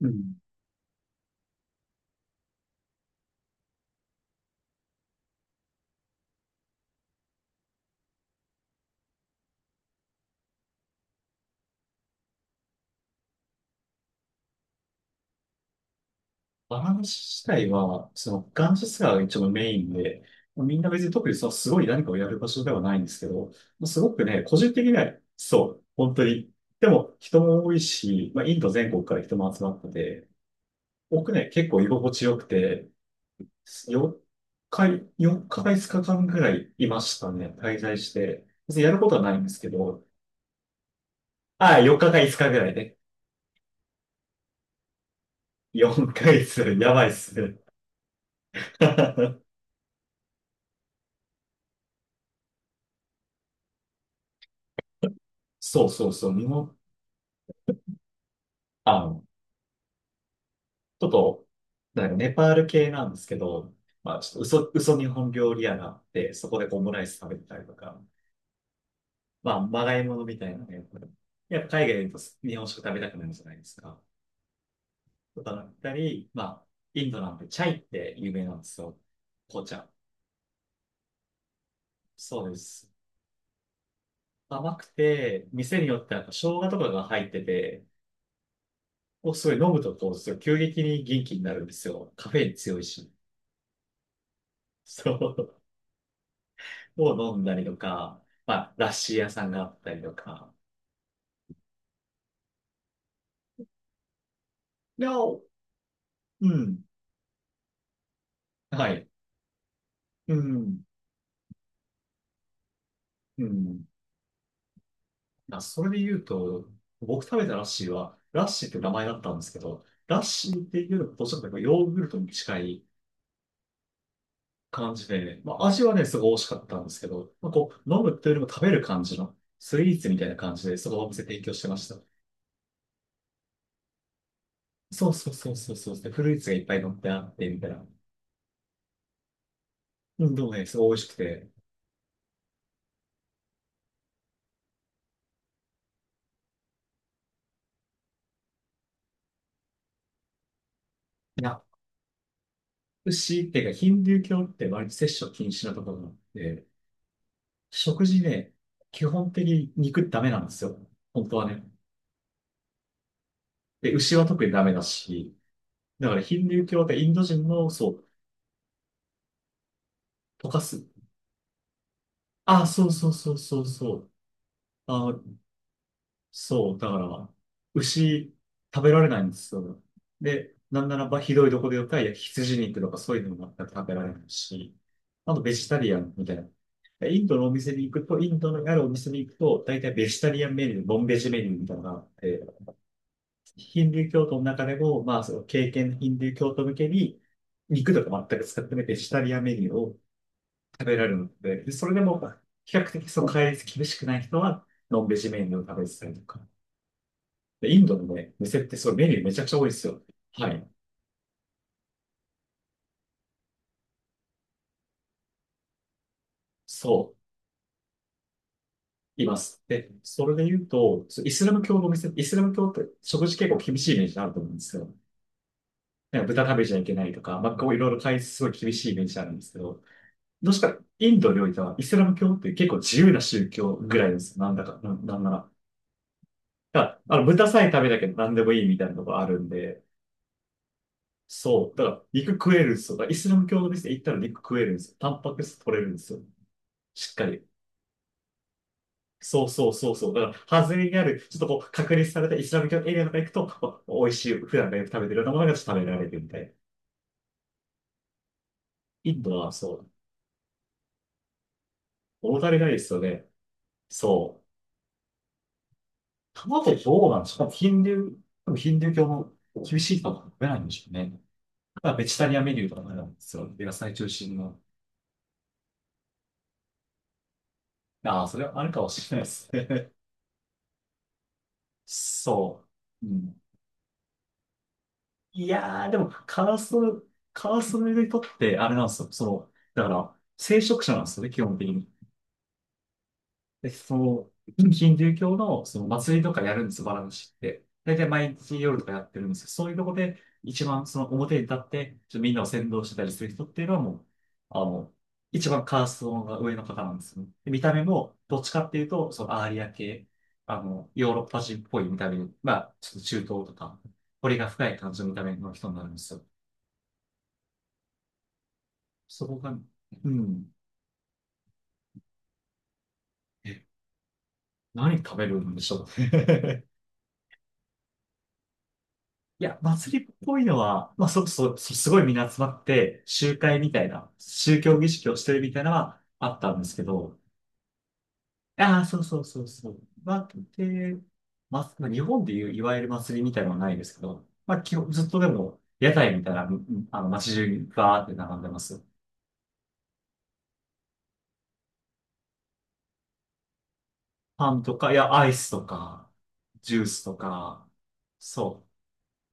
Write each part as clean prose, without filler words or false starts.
うん。バランス自体は、その、ガンジスが一応メインで、みんな別に特にそのすごい何かをやる場所ではないんですけど、もうすごくね、個人的には、そう、本当に。でも、人も多いし、まあ、インド全国から人も集まってて、僕ね、結構居心地よくて、4日、4日か5日間ぐらいいましたね、滞在して。別にやることはないんですけど、ああ、4日か5日ぐらいね。4ヶ月、やばいっすね。そうそうそう、日本、あちょっと、なんかネパール系なんですけど、まあ、ちょっと嘘日本料理屋があって、そこでこうオムライス食べてたりとか、まあ、まがいものみたいなね、やっぱ海外でいうと日本食食べたくなるじゃないですか。とかだったり、まあ、インドなんてチャイって有名なんですよ。紅茶。そうです。甘くて、店によってなんか生姜とかが入ってて、すごい飲むとこう、すごい急激に元気になるんですよ。カフェイン強いし。そう。を飲んだりとか、まあ、ラッシー屋さんがあったりとか。いや、うん。はい。うん。うん。まあ、それで言うと、僕食べたラッシーは、ラッシーって名前だったんですけど、ラッシーっていうのとちょっとヨーグルトに近い感じで、まあ、味はね、すごい美味しかったんですけど、まあ、こう、飲むというよりも食べる感じの、スイーツみたいな感じで、そのお店提供してました。そうそうそうそうそう。で、フルーツがいっぱい乗ってあって、みたいな。うん、でもね、すごい美味しくて。いや、牛っていうか、ヒンドゥー教って割と摂取禁止なところがあって、食事ね、基本的に肉ダメなんですよ。本当はね。で、牛は特にダメだし、だからヒンドゥー教ってインド人の、そう、溶かす。あ、そうそうそうそうそう。あ、そう、だから、牛食べられないんですよ。で、なんならばひどいとこでよったら、いや、羊肉とかそういうのも全く食べられないし、あとベジタリアンみたいな。でインドのお店に行くと、インドのあるお店に行くと、大体ベジタリアンメニュー、ノンベジメニューみたいなのがあって、ヒンドゥー教徒の中でも、まあ、その経験ヒンドゥー教徒向けに、肉とか全く使ってないベジタリアンメニューを食べられるので、でそれでも、比較的その戒律厳しくない人は、ノンベジメニューを食べてたりとか。で、インドのね、店ってそれメニューめちゃくちゃ多いですよ。はい。そう、います。で、それで言うと、そう、イスラム教のお店、イスラム教って食事結構厳しいイメージあると思うんですよ。なんか豚食べちゃいけないとか、まあ、こういろいろ大変、すごい厳しいイメージあるんですけど、どうしたらインドにおいてはイスラム教って結構自由な宗教ぐらいです。なんだか、な、なんなら、だからあの豚さえ食べなきゃ何でもいいみたいなとこあるんで、そう、だから肉食えるんですよ。だからイスラム教の店行ったら肉食えるんですよ。タンパク質取れるんですよ。しっかり。そうそうそうそう。だから、外れにある、ちょっとこう、隔離されたイスラム教のエリアとか行くと、お美味しい、普段がよく食べてるようなものがちょっと食べられるみたいな。インドはそう、物足りないですよね。そう。卵どうなんですかヒンドゥー、多分ヒンドゥー教も厳しいと食べないんでしょうね。まあ、ベジタリアンメニューとかもあなんですよ。野菜中心の。ああ、それはあるかもしれないですね。そう。うん、いやー、でも、カーストの人って、あれなんですよ。その、だから、聖職者なんですよね、基本的に。で、そう、ヒンドゥー教のその祭りとかやるんです、バラムシって。大体毎日夜とかやってるんですけど、そういうとこで一番その表に立って、ちょっとみんなを先導してたりする人っていうのはもう、あの、一番カーストが上の方なんですね。で見た目も、どっちかっていうと、そのアーリア系、あの、ヨーロッパ人っぽい見た目に、まあ、ちょっと中東とか、彫りが深い感じの見た目の人になるんですよ。そこが、うん、え、何食べるんでしょう。いや、祭りっぽいのは、まあ、そ、そこ、すごいみんな集まって、集会みたいな、宗教儀式をしてるみたいなのはあったんですけど、ああ、そうそうそうそう。まあ、で、まあ、日本でいういわゆる祭りみたいなのはないですけど、まあ、基本、ずっとでも、屋台みたいな、うん、あの、街中にバーって並んでます。パンとか、いや、アイスとか、ジュースとか、そ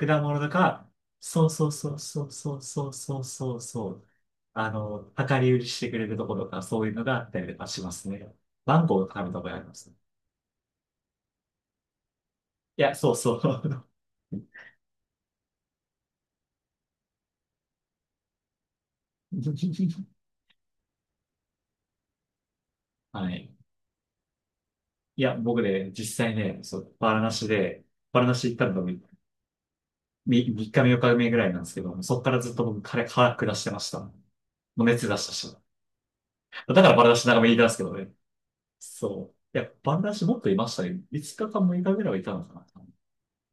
う。果物とか、そうそうそうそうそうそうそうそうそう。あの、量り売りしてくれるところとか、そういうのがあったりとかしますね。マンゴーを食べたことあります。いや、そうそう。はい。いや、僕ね、実際ね、そう、バラナシで、バラナシ行ったのが3、み三日目、4日目ぐらいなんですけど、そっからずっと僕、彼、腹下してました。もう熱出したし。だからバラナシ長めにいたんですけどね。そう。いや、バラナシもっといましたね。5日か6日ぐらいはいたのかな。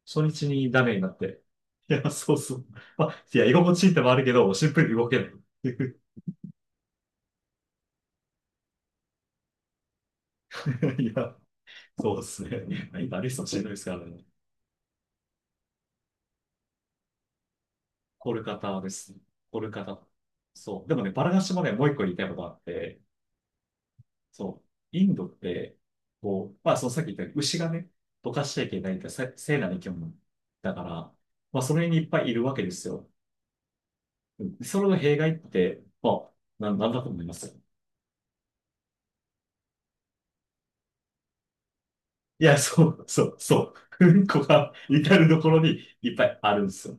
初日にダメになって。いや、そうそう。まあ、いや、居心地いいってのもあるけど、シンプルに動けない。いや、そうですね。まあ今、リストしんどいですからね。コルカタですね。コルカタ。そう。でもね、バラガシもね、もう一個言いたいことがあって、そう。インドって、こう、まあ、そのさっき言ったように牛がね、どかしちゃいけないって、せ、聖なる生き物だから、まあ、それにいっぱいいるわけですよ。それの弊害って、まあ、な、ん、なんだと思います？いや、そう、そう、そう。うんこが至るところにいっぱいあるんですよ。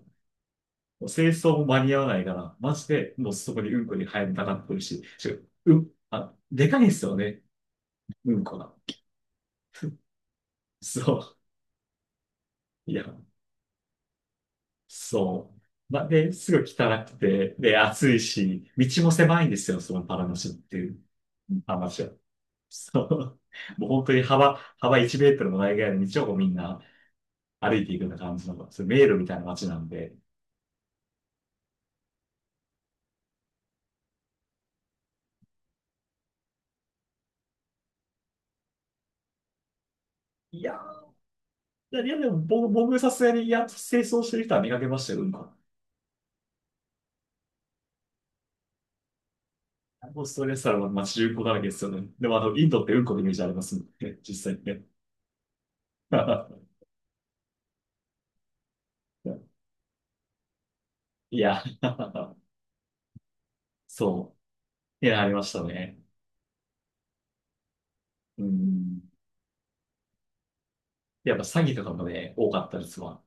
もう清掃も間に合わないから、マジでもうそこにうんこに入りたがってるし、しかも、うん、あ、でかいんですよね。うんこが。そう。いや、そう。まあ、で、すぐ汚くて、で、暑いし、道も狭いんですよ、そのパラマシュっていう話は。そう。もう本当に幅1メートルもないぐらいの道をこうみんな歩いていくような感じの、そういう迷路みたいな街なんで、いやいや、いやでも、僕さすがに、いや、清掃してる人は見かけましたよ、うんこ。オーストラリアは街中古だらけですよね。でも、あの、インドってうんこのイメージありますもんね、実際ね。いや、そう。いや、ありましたね。うん。やっぱ詐欺とかもね、多かったですわ。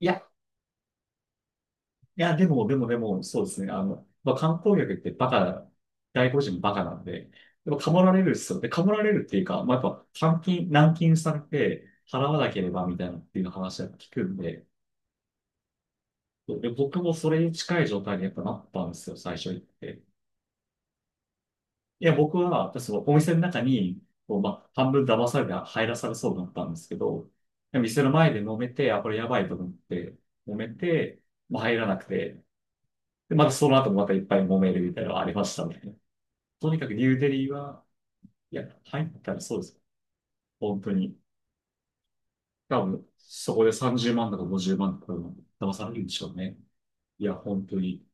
いや、いや、でも、でも、でも、そうですね。あの、まあ、観光客ってバカな、外国人もバカなんで、でも、かもられるっすよ。で、かもられるっていうか、まあ、やっぱ、監禁、軟禁されて、払わなければみたいなっていう話は聞くんで、で、僕もそれに近い状態にやっぱなったんですよ、最初行って。いや、僕は、そのお店の中に、こうまあ、半分騙されて入らされそうだったんですけど、店の前で揉めて、あ、これやばいと思って、揉めて、まあ、入らなくて、で、またその後もまたいっぱい揉めるみたいなのがありましたね。とにかくニューデリーは、いや、入ったらそうです。本当に。多分、そこで30万とか50万とか騙されるんでしょうね。いや、本当に。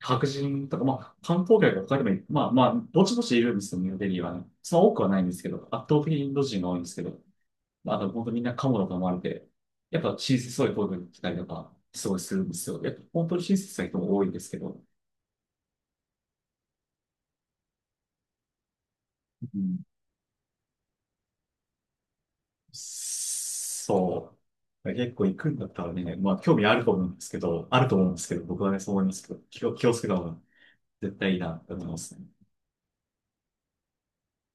白人とか、まあ、観光客が他にもい、まあまあ、ぼちぼちいるんですよね、ニューデリーはね。その多くはないんですけど、圧倒的にインド人が多いんですけど、まあ、あと本当みんなカモだと思われて、やっぱ親切、そういう声が来たりとか、すごいするんですよ。やっぱ本当に親切な人も多いんですけど、うん、そう。結構行くんだったらね、まあ興味あると思うんですけど、あると思うんですけど、僕はね、そう思いますけど、気をつけた方が絶対いいなと思いますね。